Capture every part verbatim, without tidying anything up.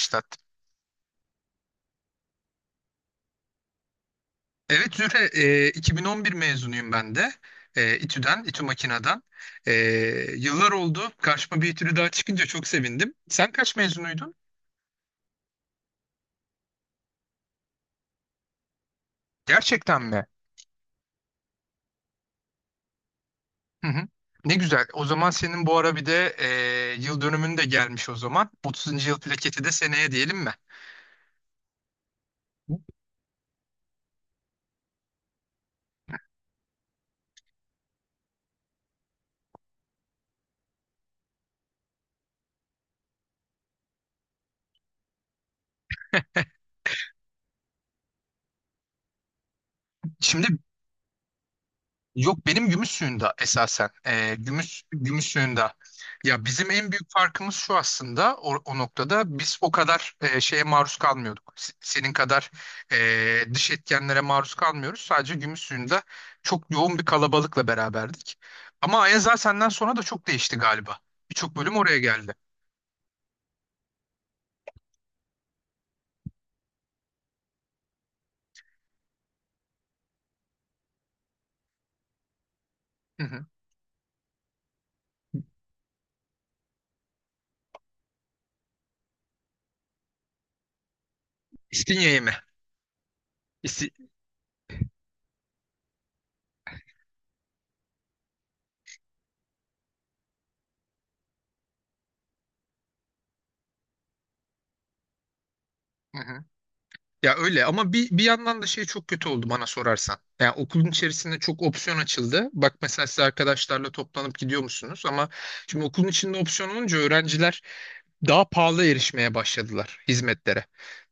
Başlattım. Evet Zühre, e, iki bin on bir mezunuyum ben de. E, İTÜ'den, İTÜ Makina'dan. E, yıllar oldu. Karşıma bir İTÜ'lü daha çıkınca çok sevindim. Sen kaç mezunuydun? Gerçekten mi? Hı hı. Ne güzel. O zaman senin bu ara bir de e, yıl dönümün de gelmiş o zaman. otuzuncu yıl plaketi de seneye diyelim mi? Şimdi, yok benim gümüş suyunda esasen. Ee, gümüş gümüş suyunda. Ya bizim en büyük farkımız şu aslında o, o noktada biz o kadar e, şeye maruz kalmıyorduk. S- Senin kadar e, dış etkenlere maruz kalmıyoruz. Sadece gümüş suyunda çok yoğun bir kalabalıkla beraberdik. Ama Ayaza senden sonra da çok değişti galiba. Birçok bölüm oraya geldi. Hı hı. İstinye'ye mi? İsti... Hı hı. Ya öyle ama bir, bir yandan da şey çok kötü oldu bana sorarsan. Yani okulun içerisinde çok opsiyon açıldı. Bak mesela siz arkadaşlarla toplanıp gidiyor musunuz? Ama şimdi okulun içinde opsiyon olunca öğrenciler daha pahalı erişmeye başladılar hizmetlere.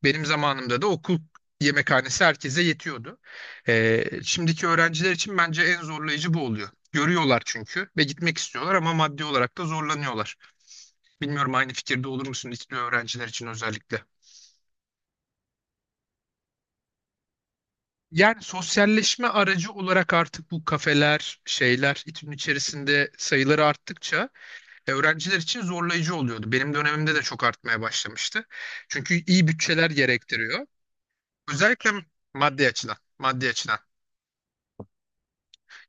Benim zamanımda da okul yemekhanesi herkese yetiyordu. Ee, şimdiki öğrenciler için bence en zorlayıcı bu oluyor. Görüyorlar çünkü ve gitmek istiyorlar ama maddi olarak da zorlanıyorlar. Bilmiyorum aynı fikirde olur musun İTÜ öğrenciler için özellikle? Yani sosyalleşme aracı olarak artık bu kafeler, şeyler İTÜ'nün içerisinde sayıları arttıkça e, öğrenciler için zorlayıcı oluyordu. Benim dönemimde de çok artmaya başlamıştı. Çünkü iyi bütçeler gerektiriyor. Özellikle maddi açıdan, maddi açıdan.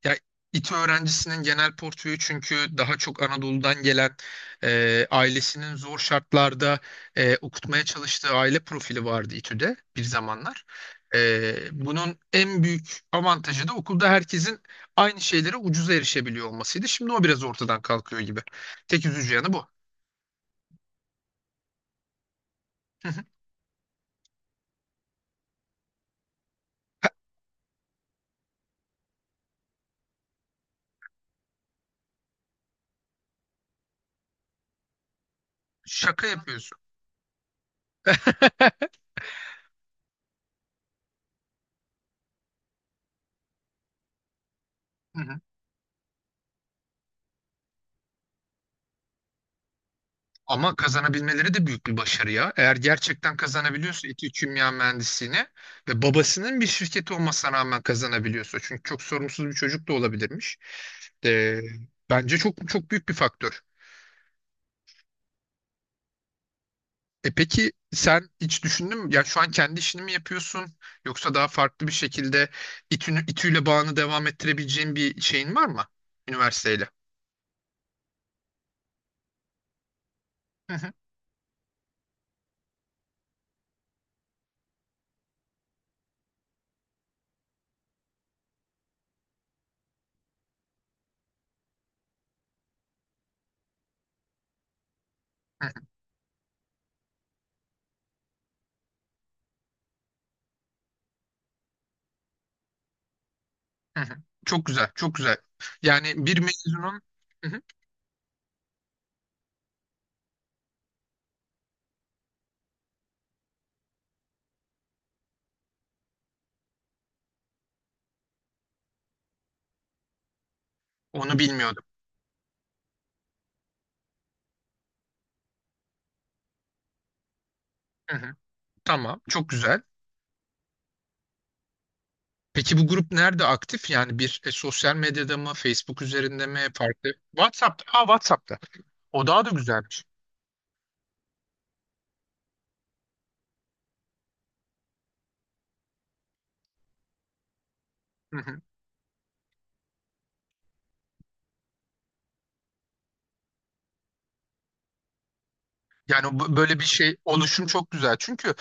Ya İTÜ öğrencisinin genel portföyü çünkü daha çok Anadolu'dan gelen e, ailesinin zor şartlarda e, okutmaya çalıştığı aile profili vardı İTÜ'de bir zamanlar. E, bunun en büyük avantajı da okulda herkesin aynı şeylere ucuza erişebiliyor olmasıydı. Şimdi o biraz ortadan kalkıyor gibi. Tek üzücü yanı bu. Şaka yapıyorsun. Ama kazanabilmeleri de büyük bir başarı ya. Eğer gerçekten kazanabiliyorsa İTÜ Kimya Mühendisliğini ve babasının bir şirketi olmasına rağmen kazanabiliyorsa. Çünkü çok sorumsuz bir çocuk da olabilirmiş. Ee, bence çok çok büyük bir faktör. E peki sen hiç düşündün mü? Ya şu an kendi işini mi yapıyorsun? Yoksa daha farklı bir şekilde İTÜ'nü, İTÜ'yle bağını devam ettirebileceğin bir şeyin var mı? Üniversiteyle. Hı hı, hı hı, hı hı. Çok güzel, çok güzel. Yani bir mezunun Hı hı. Onu bilmiyordum. Tamam, çok güzel. Peki bu grup nerede aktif? Yani bir e, sosyal medyada mı, Facebook üzerinde mi, farklı? WhatsApp'ta. Aa, WhatsApp'ta. O daha da güzelmiş. Hı hı. Yani bu- böyle bir şey oluşum çok güzel. Çünkü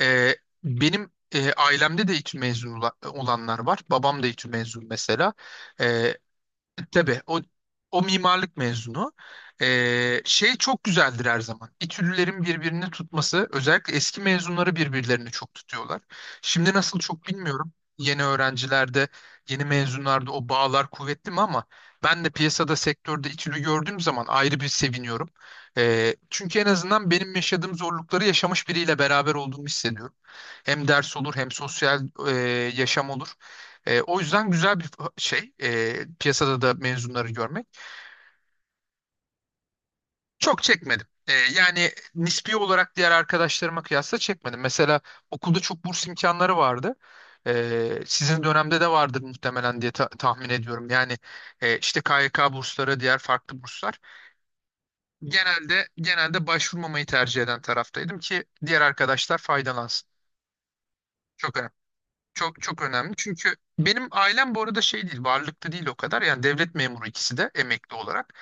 e, benim e, ailemde de İTÜ mezunu ola- olanlar var. Babam da İTÜ mezunu mesela. E, Tabii o, o mimarlık mezunu. Ee, şey çok güzeldir her zaman. İTÜ'lülerin birbirini tutması özellikle eski mezunları birbirlerini çok tutuyorlar. Şimdi nasıl çok bilmiyorum. Yeni öğrencilerde, yeni mezunlarda o bağlar kuvvetli mi ama ben de piyasada sektörde İTÜ'lü gördüğüm zaman ayrı bir seviniyorum. Ee, çünkü en azından benim yaşadığım zorlukları yaşamış biriyle beraber olduğumu hissediyorum. Hem ders olur hem sosyal e, yaşam olur. E, o yüzden güzel bir şey e, piyasada da mezunları görmek. Çok çekmedim. E, yani nispi olarak diğer arkadaşlarıma kıyasla çekmedim. Mesela okulda çok burs imkanları vardı. E, sizin dönemde de vardır muhtemelen diye ta- tahmin ediyorum. Yani e, işte K Y K bursları, diğer farklı burslar. Genelde genelde başvurmamayı tercih eden taraftaydım ki diğer arkadaşlar faydalansın. Çok önemli. Çok çok önemli. Çünkü benim ailem bu arada şey değil, varlıklı değil o kadar. Yani devlet memuru ikisi de emekli olarak.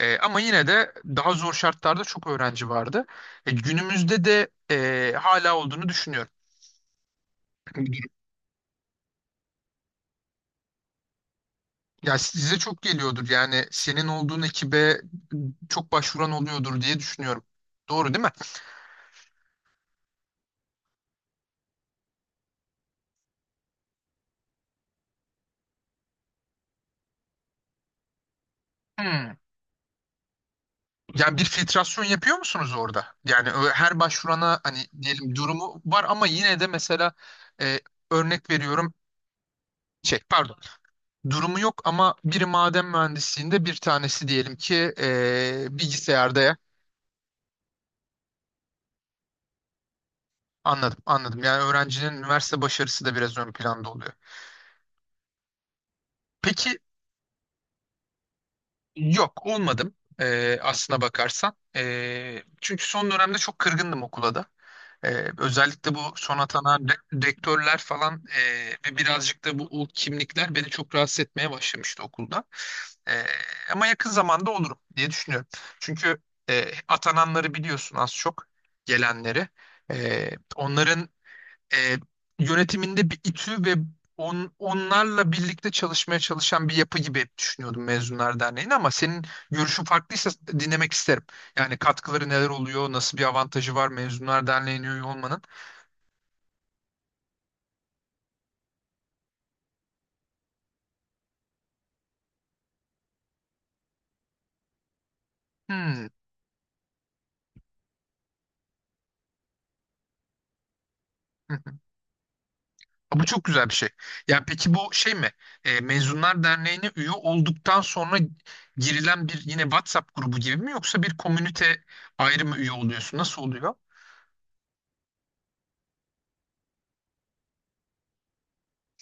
Ee, ama yine de daha zor şartlarda çok öğrenci vardı. E, günümüzde de e, hala olduğunu düşünüyorum. Ya size çok geliyordur. Yani senin olduğun ekibe çok başvuran oluyordur diye düşünüyorum. Doğru değil mi? Hmm. Yani bir filtrasyon yapıyor musunuz orada? Yani ö- her başvurana hani diyelim durumu var ama yine de mesela e, örnek veriyorum şey pardon. Durumu yok ama biri maden mühendisliğinde bir tanesi diyelim ki e, bilgisayarda. Anladım, anladım. Yani öğrencinin üniversite başarısı da biraz ön planda oluyor. Peki, yok olmadım e, aslına bakarsan. E, çünkü son dönemde çok kırgındım okula da. E, özellikle bu son atanan re- rektörler falan e, ve birazcık da bu ulk kimlikler beni çok rahatsız etmeye başlamıştı okulda. Ee, ama yakın zamanda olurum diye düşünüyorum. Çünkü e, atananları biliyorsun az çok gelenleri. Ee, onların e, yönetiminde bir İTÜ ve on, onlarla birlikte çalışmaya çalışan bir yapı gibi hep düşünüyordum Mezunlar Derneği'ni ama senin görüşün farklıysa dinlemek isterim. Yani katkıları neler oluyor, nasıl bir avantajı var Mezunlar Derneği'ne üye olmanın? Hmm. Bu çok güzel bir şey. Ya peki bu şey mi? E, Mezunlar Derneği'ne üye olduktan sonra girilen bir yine WhatsApp grubu gibi mi yoksa bir komünite ayrı mı üye oluyorsun? Nasıl oluyor?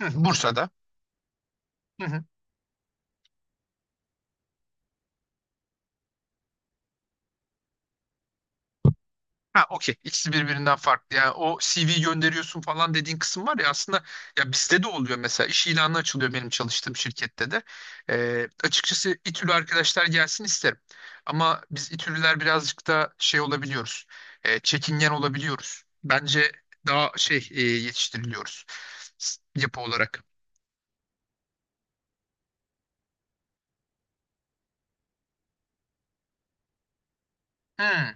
Hı, Bursa'da. Hı hı. Ha, okey. İkisi birbirinden farklı. Yani o C V gönderiyorsun falan dediğin kısım var ya aslında ya bizde de oluyor mesela. İş ilanı açılıyor benim çalıştığım şirkette de. Ee, açıkçası İTÜ'lü arkadaşlar gelsin isterim. Ama biz İTÜ'lüler birazcık da şey olabiliyoruz. Ee, çekingen olabiliyoruz. Bence daha şey e, yetiştiriliyoruz s- yapı olarak. Hmm,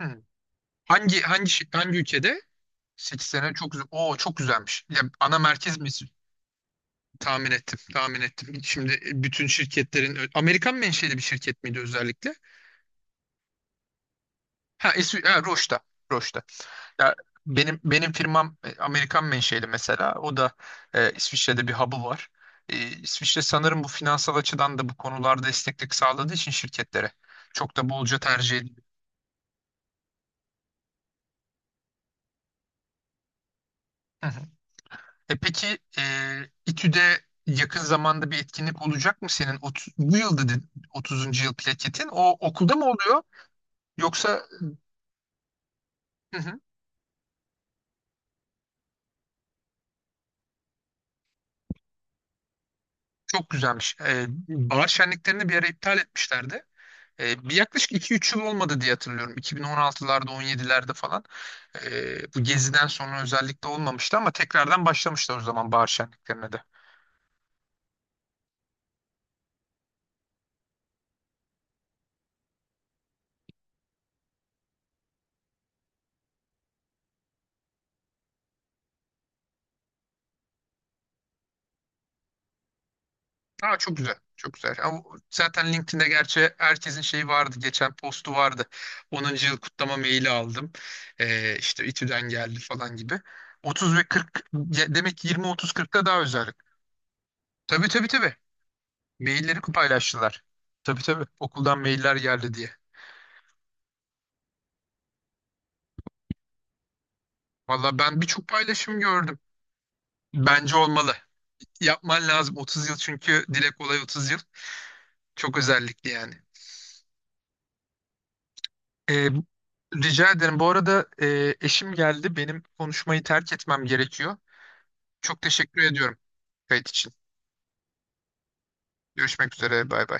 hmm. Hangi hangi şi- hangi ülkede? sekiz sene çok güzel. Oo, çok güzelmiş. Ya ana merkez mi? Tahmin ettim, tahmin ettim. Şimdi e, bütün şirketlerin, Amerikan menşeli bir şirket miydi özellikle? Ha, es ha Roche'da, Roche'da. Ya, benim benim firmam e, Amerikan menşeli mesela. O da e, İsviçre'de bir hub'ı var. E, İsviçre sanırım bu finansal açıdan da bu konularda esneklik sağladığı için şirketlere çok da bolca tercih ediliyor. Hı hı. E peki e, İTÜ'de yakın zamanda bir etkinlik olacak mı senin? Otu- bu yıl dedin otuzuncu yıl plaketin. O okulda mı oluyor? Yoksa Çok güzelmiş. Ee, bahar şenliklerini bir ara iptal etmişlerdi. Ee, bir yaklaşık iki üç yıl olmadı diye hatırlıyorum. iki bin on altılarda, on yedilerde falan. Ee, bu geziden sonra özellikle olmamıştı ama tekrardan başlamışlar o zaman bahar şenliklerine de. Aa, çok güzel. Çok güzel. Ama zaten LinkedIn'de gerçi herkesin şeyi vardı. Geçen postu vardı. Onuncu yıl kutlama maili aldım. Ee, işte İTÜ'den geldi falan gibi. otuz ve kırk demek ki yirmi otuz kırkta daha özel. Tabii tabii tabii. Mailleri paylaştılar. Tabii tabii okuldan mailler geldi diye. Valla ben birçok paylaşım gördüm. Bence olmalı. Yapman lazım otuz yıl çünkü dile kolay otuz yıl. Çok özellikli yani. Ee, rica ederim. Bu arada e, eşim geldi. Benim konuşmayı terk etmem gerekiyor. Çok teşekkür ediyorum kayıt için. Görüşmek üzere. Bay bay.